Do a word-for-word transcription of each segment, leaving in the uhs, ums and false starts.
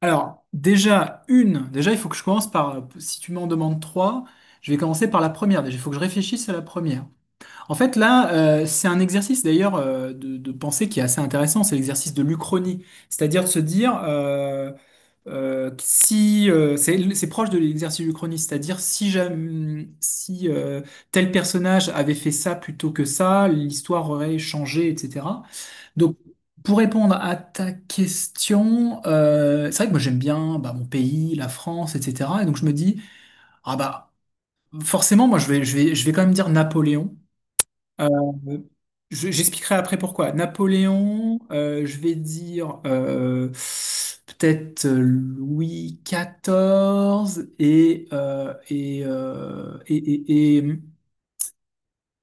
Alors, déjà, une, déjà, il faut que je commence par, si tu m'en demandes trois, je vais commencer par la première. Déjà, il faut que je réfléchisse à la première. En fait, là, euh, c'est un exercice d'ailleurs euh, de, de pensée qui est assez intéressant, c'est l'exercice de l'Uchronie. C'est-à-dire de se dire, euh, euh, si, euh, c'est c'est proche de l'exercice de l'Uchronie, c'est-à-dire si, jamais, si euh, tel personnage avait fait ça plutôt que ça, l'histoire aurait changé, et cetera. Donc, pour répondre à ta question, euh, c'est vrai que moi j'aime bien bah, mon pays, la France, et cetera. Et donc je me dis, ah bah forcément, moi je vais, je vais, je vais quand même dire Napoléon. Euh, je- J'expliquerai après pourquoi. Napoléon, euh, je vais dire euh, peut-être euh, Louis quatorze et, euh, et, euh, et, et, et,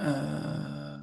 euh,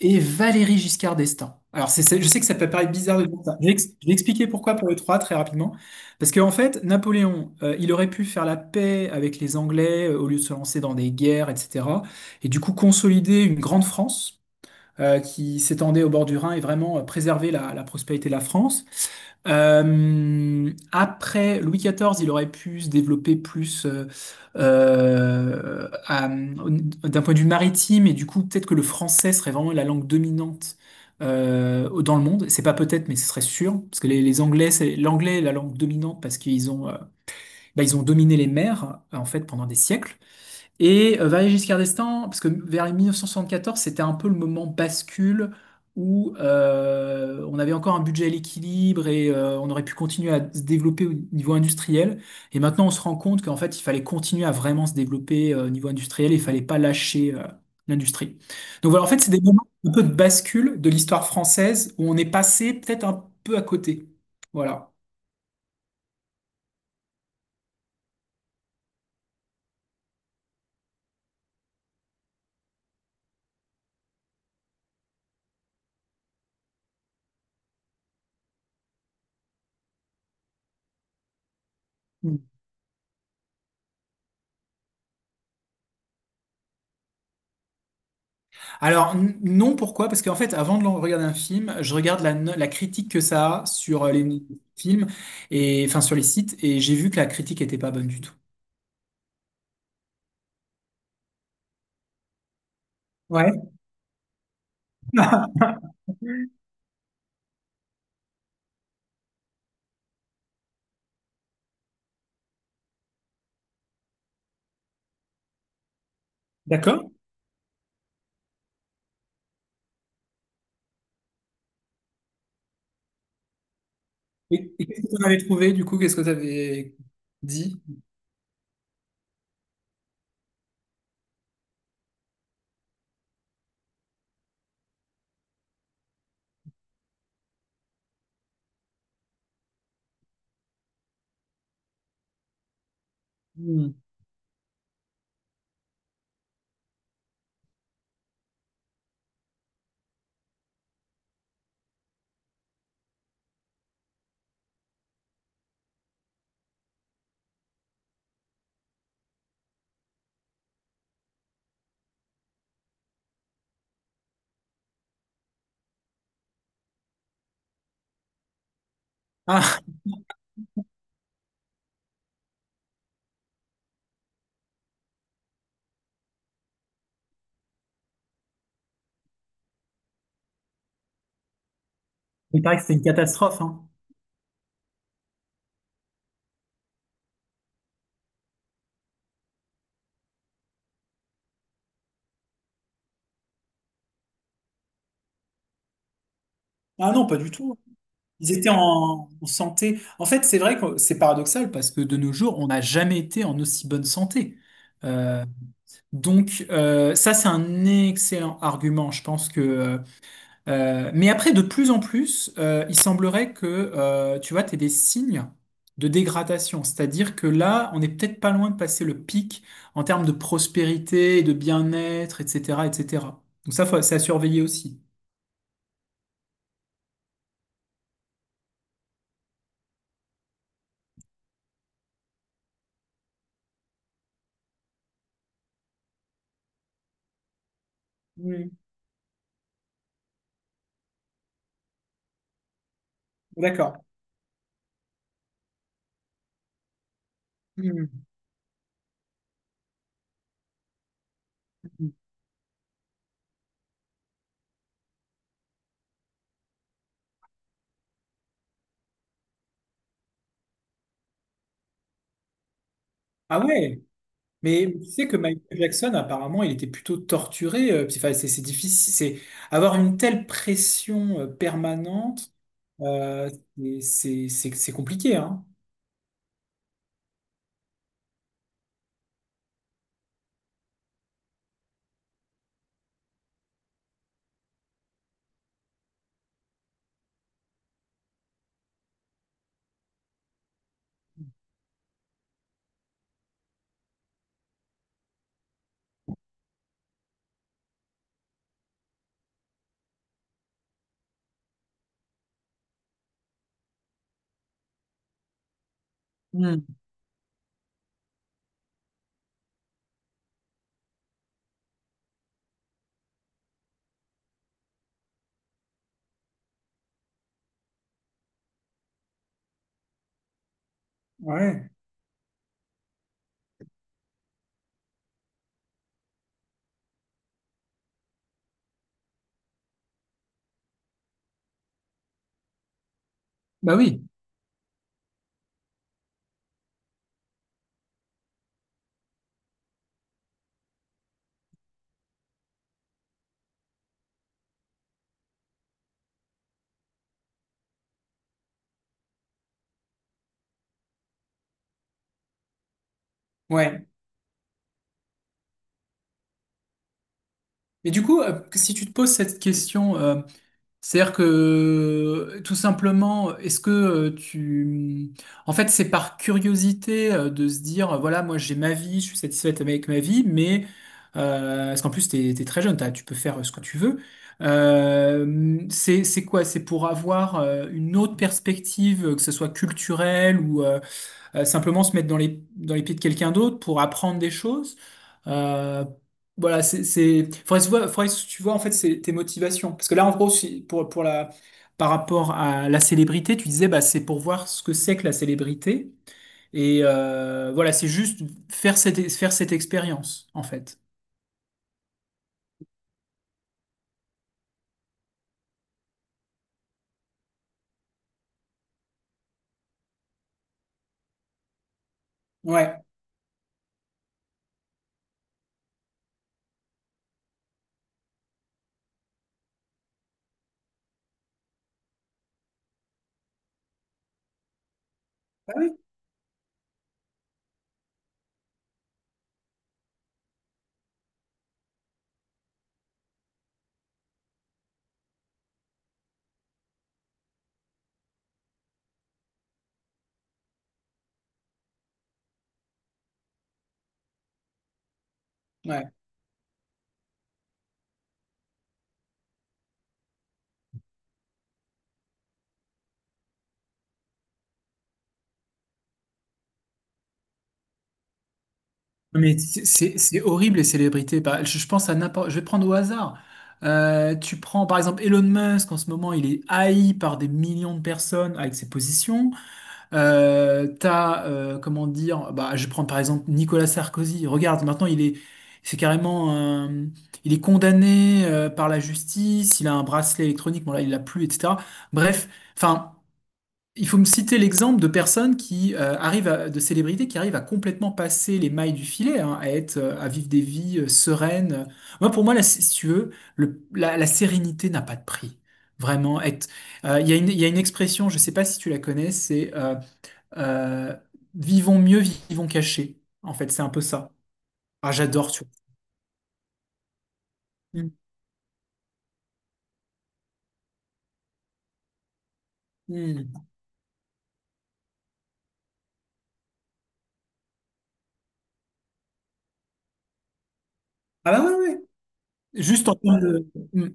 et Valéry Giscard d'Estaing. Alors, c'est, c'est- je sais que ça peut paraître bizarre de dire ça. Je vais, ex- je vais expliquer pourquoi pour les trois très rapidement. Parce qu'en fait, Napoléon, euh, il aurait pu faire la paix avec les Anglais euh, au lieu de se lancer dans des guerres, et cetera. Et du coup, consolider une grande France euh, qui s'étendait au bord du Rhin et vraiment euh, préserver la, la prospérité de la France. Euh, après Louis quatorze, il aurait pu se développer plus euh, euh, à- d'un point de vue maritime et du coup peut-être que le français serait vraiment la langue dominante euh, dans le monde. C'est pas peut-être, mais ce serait sûr parce que les, les Anglais, c'est l'anglais est la langue dominante parce qu'ils ont euh, bah, ils ont dominé les mers en fait pendant des siècles. Et euh, Valéry Giscard d'Estaing, parce que vers les mille neuf cent soixante-quatorze, c'était un peu le moment bascule où euh, on avait encore un budget à l'équilibre et euh, on aurait pu continuer à se développer au niveau industriel. Et maintenant, on se rend compte qu'en fait, il fallait continuer à vraiment se développer euh, au niveau industriel et il fallait pas lâcher euh, l'industrie. Donc voilà, en fait, c'est des moments un peu de bascule de l'histoire française où on est passé peut-être un peu à côté. Voilà. Alors n- non, pourquoi? Parce qu'en fait, avant de l'en- regarder un film, je regarde la, no- la critique que ça a sur euh, les films et enfin sur les sites, et j'ai vu que la critique était pas bonne du tout. Ouais, d'accord. Et, et qu'est-ce que tu avais trouvé du coup? Qu'est-ce que tu avais dit? Hmm. Ah, il paraît que c'était une catastrophe, hein. Ah non, pas du tout. Ils étaient en, en santé. En fait, c'est vrai que c'est paradoxal parce que de nos jours, on n'a jamais été en aussi bonne santé. Euh, donc euh, ça, c'est un excellent argument. Je pense que euh, euh, mais après, de plus en plus, euh, il semblerait que, euh, tu vois, tu des signes de dégradation. C'est-à-dire que là, on est peut-être pas loin de passer le pic en termes de prospérité, de bien-être, et cetera, et cetera. Donc ça, faut- c'est à surveiller aussi. Hmm. D'accord. Hmm. Ah ouais, mais tu sais que Michael Jackson, apparemment, il était plutôt torturé. Euh, puis, enfin, c'est c'est difficile, c'est avoir une telle pression euh, permanente, euh, c'est c'est- c'est- c'est compliqué, hein. Hmm. Ouais. Bah oui, ouais. Mais du coup, euh, si tu te poses cette question, euh, c'est-à-dire que euh, tout simplement, est-ce que euh, tu... En fait, c'est par curiosité euh, de se dire, euh, voilà, moi j'ai ma vie, je suis satisfaite avec ma vie, mais... Euh, parce qu'en plus, t'es, t'es très jeune, t'as- tu peux faire euh, ce que tu veux. Euh, c'est, c'est quoi? C'est pour avoir euh, une autre perspective, euh, que ce soit culturelle ou... euh, euh, simplement se mettre dans les, dans les pieds de quelqu'un d'autre pour apprendre des choses. Euh, voilà, c'est, c'est, faudrait se voir, faudrait que tu vois, en fait, c'est tes motivations. Parce que là, en gros, si- pour, pour la, par rapport à la célébrité, tu disais, bah, c'est pour voir ce que c'est que la célébrité. Et euh, voilà, c'est juste faire cette, faire cette expérience, en fait. Ouais. Ah oui. Ouais. Mais c'est c'est- c'est horrible les célébrités. Par- Je, je pense à n'importe. Je vais prendre au hasard. Euh, tu prends par exemple Elon Musk. En ce moment, il est haï par des millions de personnes avec ses positions. Euh, t'as euh, comment dire? Bah, je prends par exemple Nicolas Sarkozy. Regarde, maintenant il est, c'est carrément, un- il est condamné euh, par la justice. Il a un bracelet électronique. Bon là, il l'a plus, et cetera. Bref, enfin. Il faut me citer l'exemple de personnes qui euh, arrivent à- de célébrités qui arrivent à complètement passer les mailles du filet, hein, à être, euh, à vivre des vies euh, sereines. Moi, pour moi, là, si si tu veux, le- la, la sérénité n'a pas de prix. Vraiment, être. Euh, il y a une, il y a une expression, je ne sais pas si tu la connais, c'est euh, euh, vivons mieux, vivons cachés. En fait, c'est un peu ça. Ah, j'adore, tu vois. Mm. Mm. Ah bah ouais, ouais. Juste en termes de. Mm.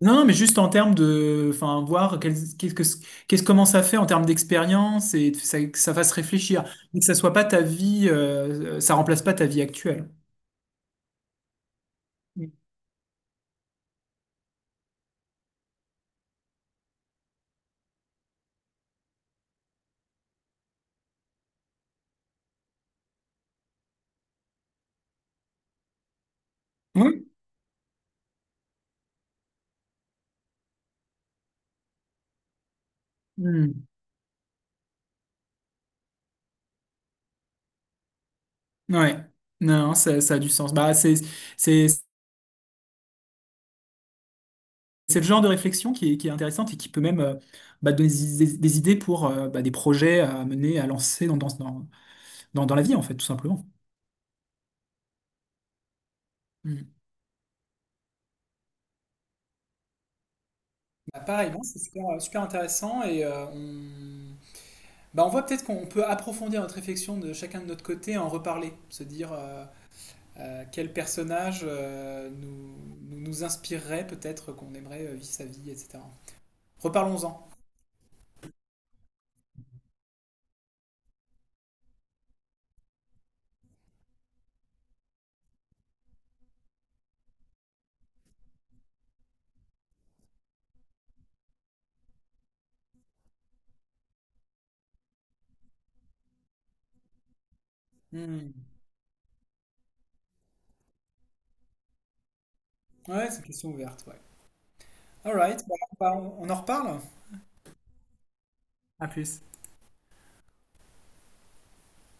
Non, mais juste en termes de, enfin, voir quel- qu'est-ce que, qu'est-ce comment ça fait en termes d'expérience et que ça, que ça fasse réfléchir, mais que ça soit pas ta vie, euh, ça remplace pas ta vie actuelle. Oui. Hmm. Ouais. Non, ça, ça a du sens. Bah, c'est, c'est, c'est le genre de réflexion qui est, qui est intéressante et qui peut même euh, bah, donner des, des- des idées pour euh, bah, des projets à mener, à lancer dans, dans, dans, dans- dans la vie, en fait, tout simplement. Hmm. Bah, pareil, bon, c'est super, super intéressant et euh, on bah, on voit peut-être qu'on peut approfondir notre réflexion de chacun de notre côté, en reparler, se dire euh, euh, quel personnage euh, nous, nous, nous inspirerait peut-être qu'on aimerait euh, vivre sa vie, et cetera. Reparlons-en. Hmm. Ouais, c'est une question ouverte, ouais. Alright, bah, bah, on on en reparle? À plus.